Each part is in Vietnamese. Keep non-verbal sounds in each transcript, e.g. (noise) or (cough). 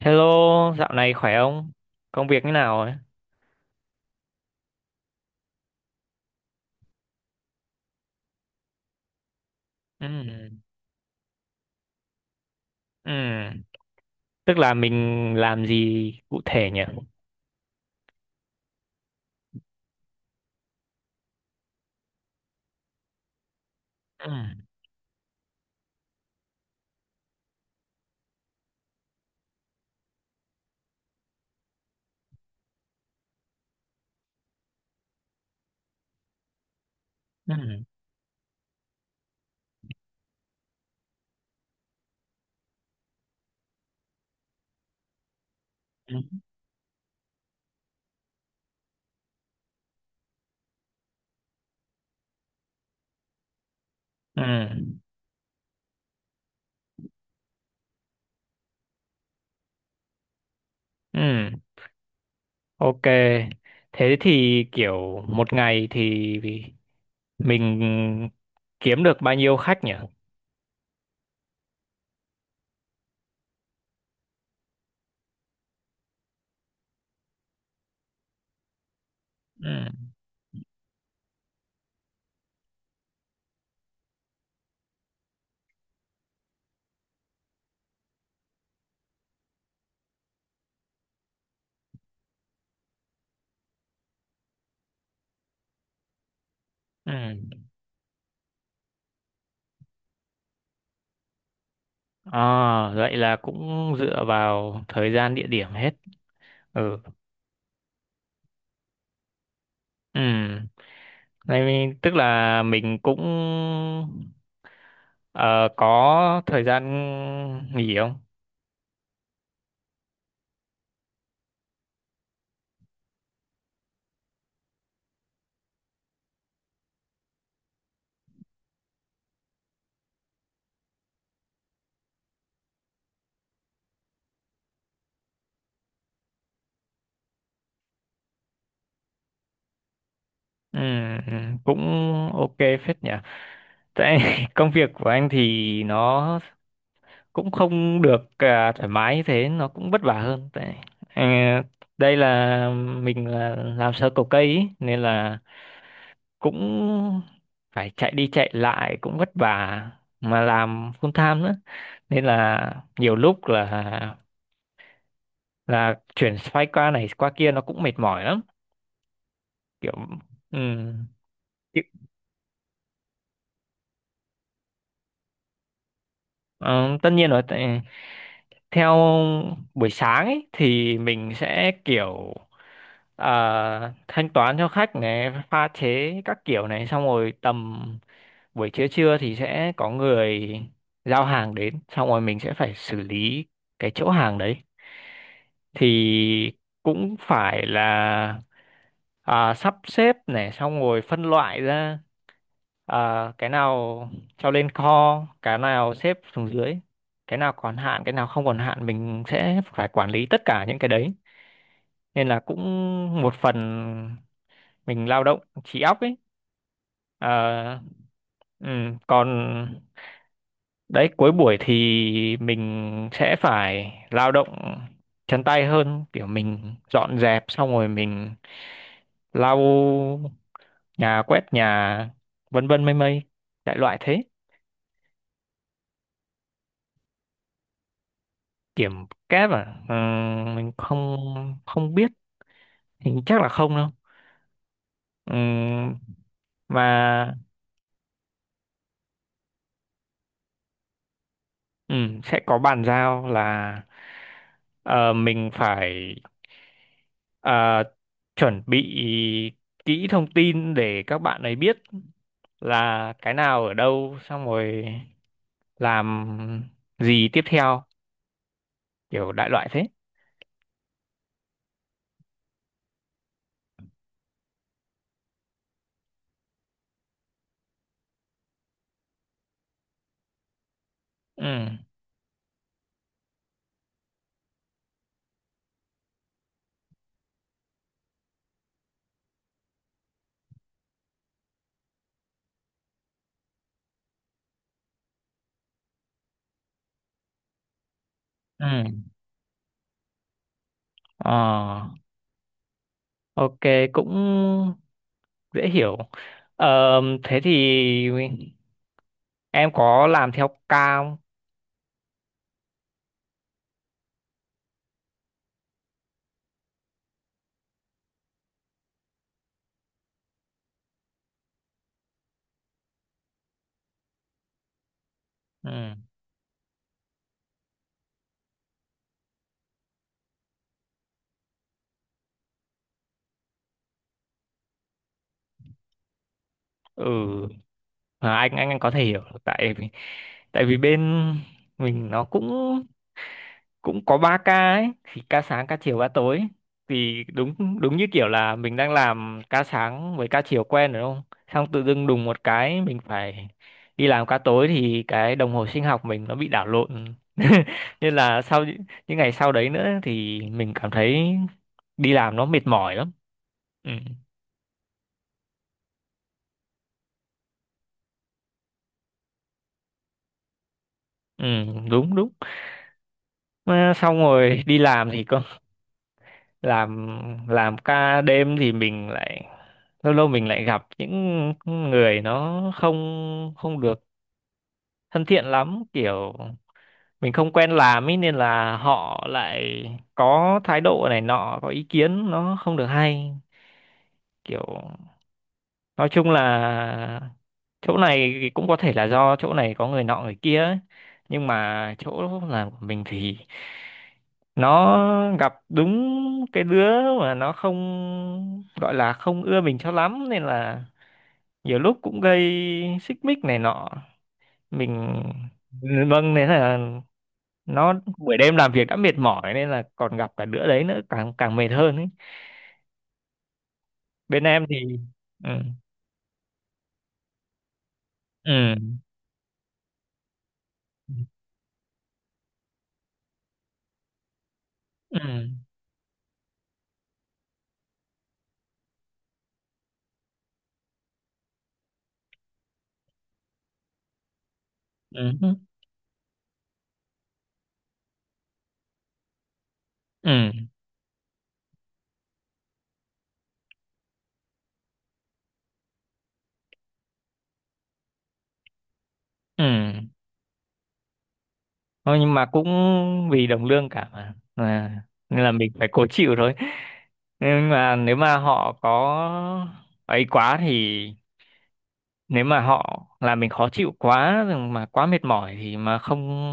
Hello, dạo này khỏe không? Công việc như nào ấy? Ừ, ừ. Tức là mình làm gì cụ thể nhỉ? Ừ, ừ, ừ, ừ, ừ. Ok. Thế thì kiểu một ngày thì mình kiếm được bao nhiêu khách nhỉ? Ừ, ừ. À, vậy là cũng dựa vào thời gian địa điểm hết. Ừ, ừ. Này, tức là mình cũng ờ, có thời gian nghỉ không? Ừ, ừ, cũng ok phết nhỉ. Tại (laughs) công việc của anh thì nó cũng không được à, thoải mái như thế, nó cũng vất vả hơn. Tại ờ, đây là mình là làm sơ cầu cây ý, nên là cũng phải chạy đi chạy lại cũng vất vả mà làm full time nữa. Nên là nhiều lúc là chuyển phái qua này qua kia nó cũng mệt mỏi lắm kiểu ừ. Kiểu- ờ, Tất nhiên rồi theo buổi sáng ấy thì mình sẽ kiểu thanh toán cho khách này pha chế các kiểu này xong rồi tầm buổi trưa trưa thì sẽ có người giao hàng đến xong rồi mình sẽ phải xử lý cái chỗ hàng đấy thì cũng phải là à, sắp xếp này xong rồi phân loại ra à, cái nào cho lên kho cái nào xếp xuống dưới cái nào còn hạn cái nào không còn hạn mình sẽ phải quản lý tất cả những cái đấy nên là cũng một phần mình lao động trí óc ấy. Ờ, ừ, còn đấy, cuối buổi thì mình sẽ phải lao động chân tay hơn, kiểu mình dọn dẹp xong rồi mình lau nhà quét nhà vân vân mây mây đại loại thế. Kiểm kép à. Ờ, mình không không biết hình chắc là không đâu. Ừm, mà ừ, sẽ có bàn giao là ờ, mình phải ờ, chuẩn bị kỹ thông tin để các bạn ấy biết là cái nào ở đâu xong rồi làm gì tiếp theo kiểu đại loại thế. Ừ, ừ, ờ, ok, cũng dễ hiểu. Ờ, thế thì em có làm theo ca không? Ừ, ừ, à, anh có thể hiểu tại vì bên mình nó cũng cũng có 3 ca ấy thì ca sáng ca chiều ca tối thì đúng đúng như kiểu là mình đang làm ca sáng với ca chiều quen rồi đúng không xong tự dưng đùng một cái mình phải đi làm ca tối thì cái đồng hồ sinh học mình nó bị đảo lộn (laughs) nên là sau những ngày sau đấy nữa thì mình cảm thấy đi làm nó mệt mỏi lắm. Ừ, ừ, đúng đúng. Mà xong rồi đi làm thì có làm làm ca đêm thì mình lại lâu lâu mình lại gặp những người nó không không được thân thiện lắm kiểu mình không quen làm ấy nên là họ lại có thái độ này nọ có ý kiến nó không được hay kiểu nói chung là chỗ này thì cũng có thể là do chỗ này có người nọ người kia ấy. Nhưng mà chỗ làm của mình thì nó gặp đúng cái đứa mà nó không gọi là không ưa mình cho lắm nên là nhiều lúc cũng gây xích mích này nọ mình vâng nên là nó buổi đêm làm việc đã mệt mỏi nên là còn gặp cả đứa đấy nữa càng càng mệt hơn ấy. Bên em thì ừ, ừ, ừ, ừ, ừ, ừ, ừ, ừ. Thôi nhưng mà cũng vì đồng lương cả mà à, nên là mình phải cố chịu thôi nhưng mà nếu mà họ có ấy quá thì nếu mà họ làm mình khó chịu quá rồi mà quá mệt mỏi thì mà không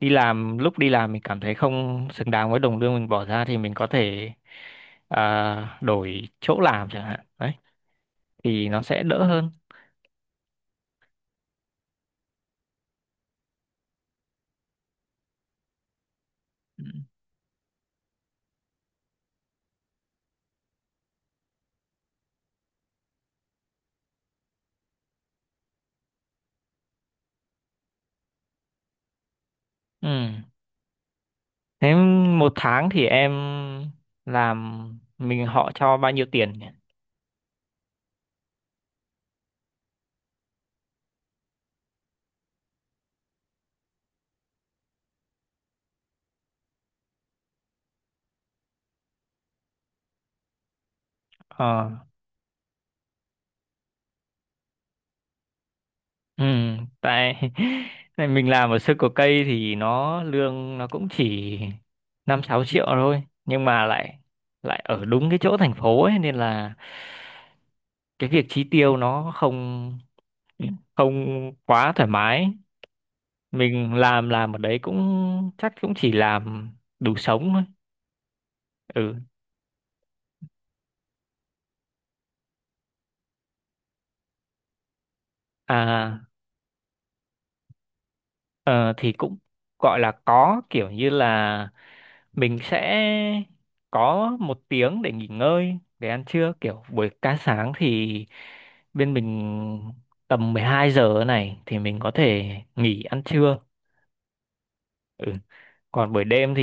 đi làm lúc đi làm mình cảm thấy không xứng đáng với đồng lương mình bỏ ra thì mình có thể à, đổi chỗ làm chẳng hạn đấy thì nó sẽ đỡ hơn. Ừ. Thế một tháng thì em làm mình họ cho bao nhiêu tiền nhỉ? Ờ, ừ, tại (laughs) tại mình làm ở sơ cổ cây thì nó lương nó cũng chỉ 5-6 triệu thôi, nhưng mà lại lại ở đúng cái chỗ thành phố ấy nên là cái việc chi tiêu nó không không quá thoải mái. Mình làm ở đấy cũng chắc cũng chỉ làm đủ sống thôi. Ừ. À, ờ, thì cũng gọi là có kiểu như là mình sẽ có một tiếng để nghỉ ngơi để ăn trưa kiểu buổi ca sáng thì bên mình tầm 12 giờ này thì mình có thể nghỉ ăn trưa. Ừ. Còn buổi đêm thì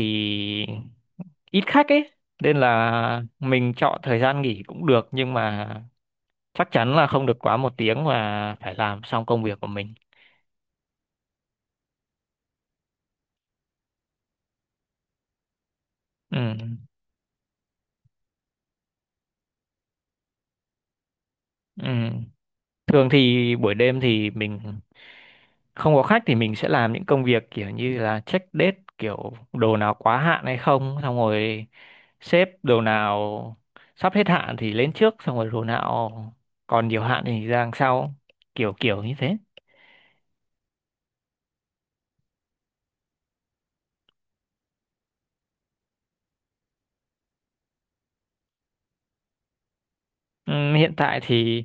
ít khách ấy nên là mình chọn thời gian nghỉ cũng được nhưng mà chắc chắn là không được quá một tiếng mà phải làm xong công việc của mình. Ừ. Ừ. Thường thì buổi đêm thì mình không có khách thì mình sẽ làm những công việc kiểu như là check date kiểu đồ nào quá hạn hay không, xong rồi xếp đồ nào sắp hết hạn thì lên trước, xong rồi đồ nào còn nhiều hạn thì ra đằng sau, kiểu kiểu như thế. Hiện tại thì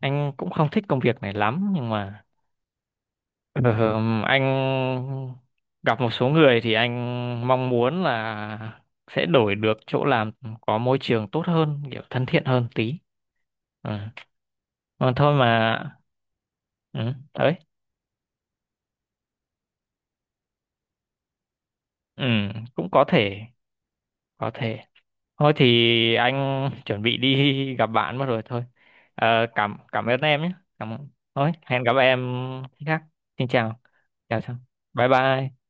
anh cũng không thích công việc này lắm nhưng mà ờ, anh gặp một số người thì anh mong muốn là sẽ đổi được chỗ làm có môi trường tốt hơn, kiểu thân thiện hơn tí. Ừ. Mà thôi mà ừ, đấy, ừ, cũng có thể, có thể. Thôi thì anh chuẩn bị đi gặp bạn mất rồi thôi. Ờ, cảm cảm ơn em nhé. Cảm ơn. Thôi, hẹn gặp em khi khác. Xin chào. Chào chào. Bye bye.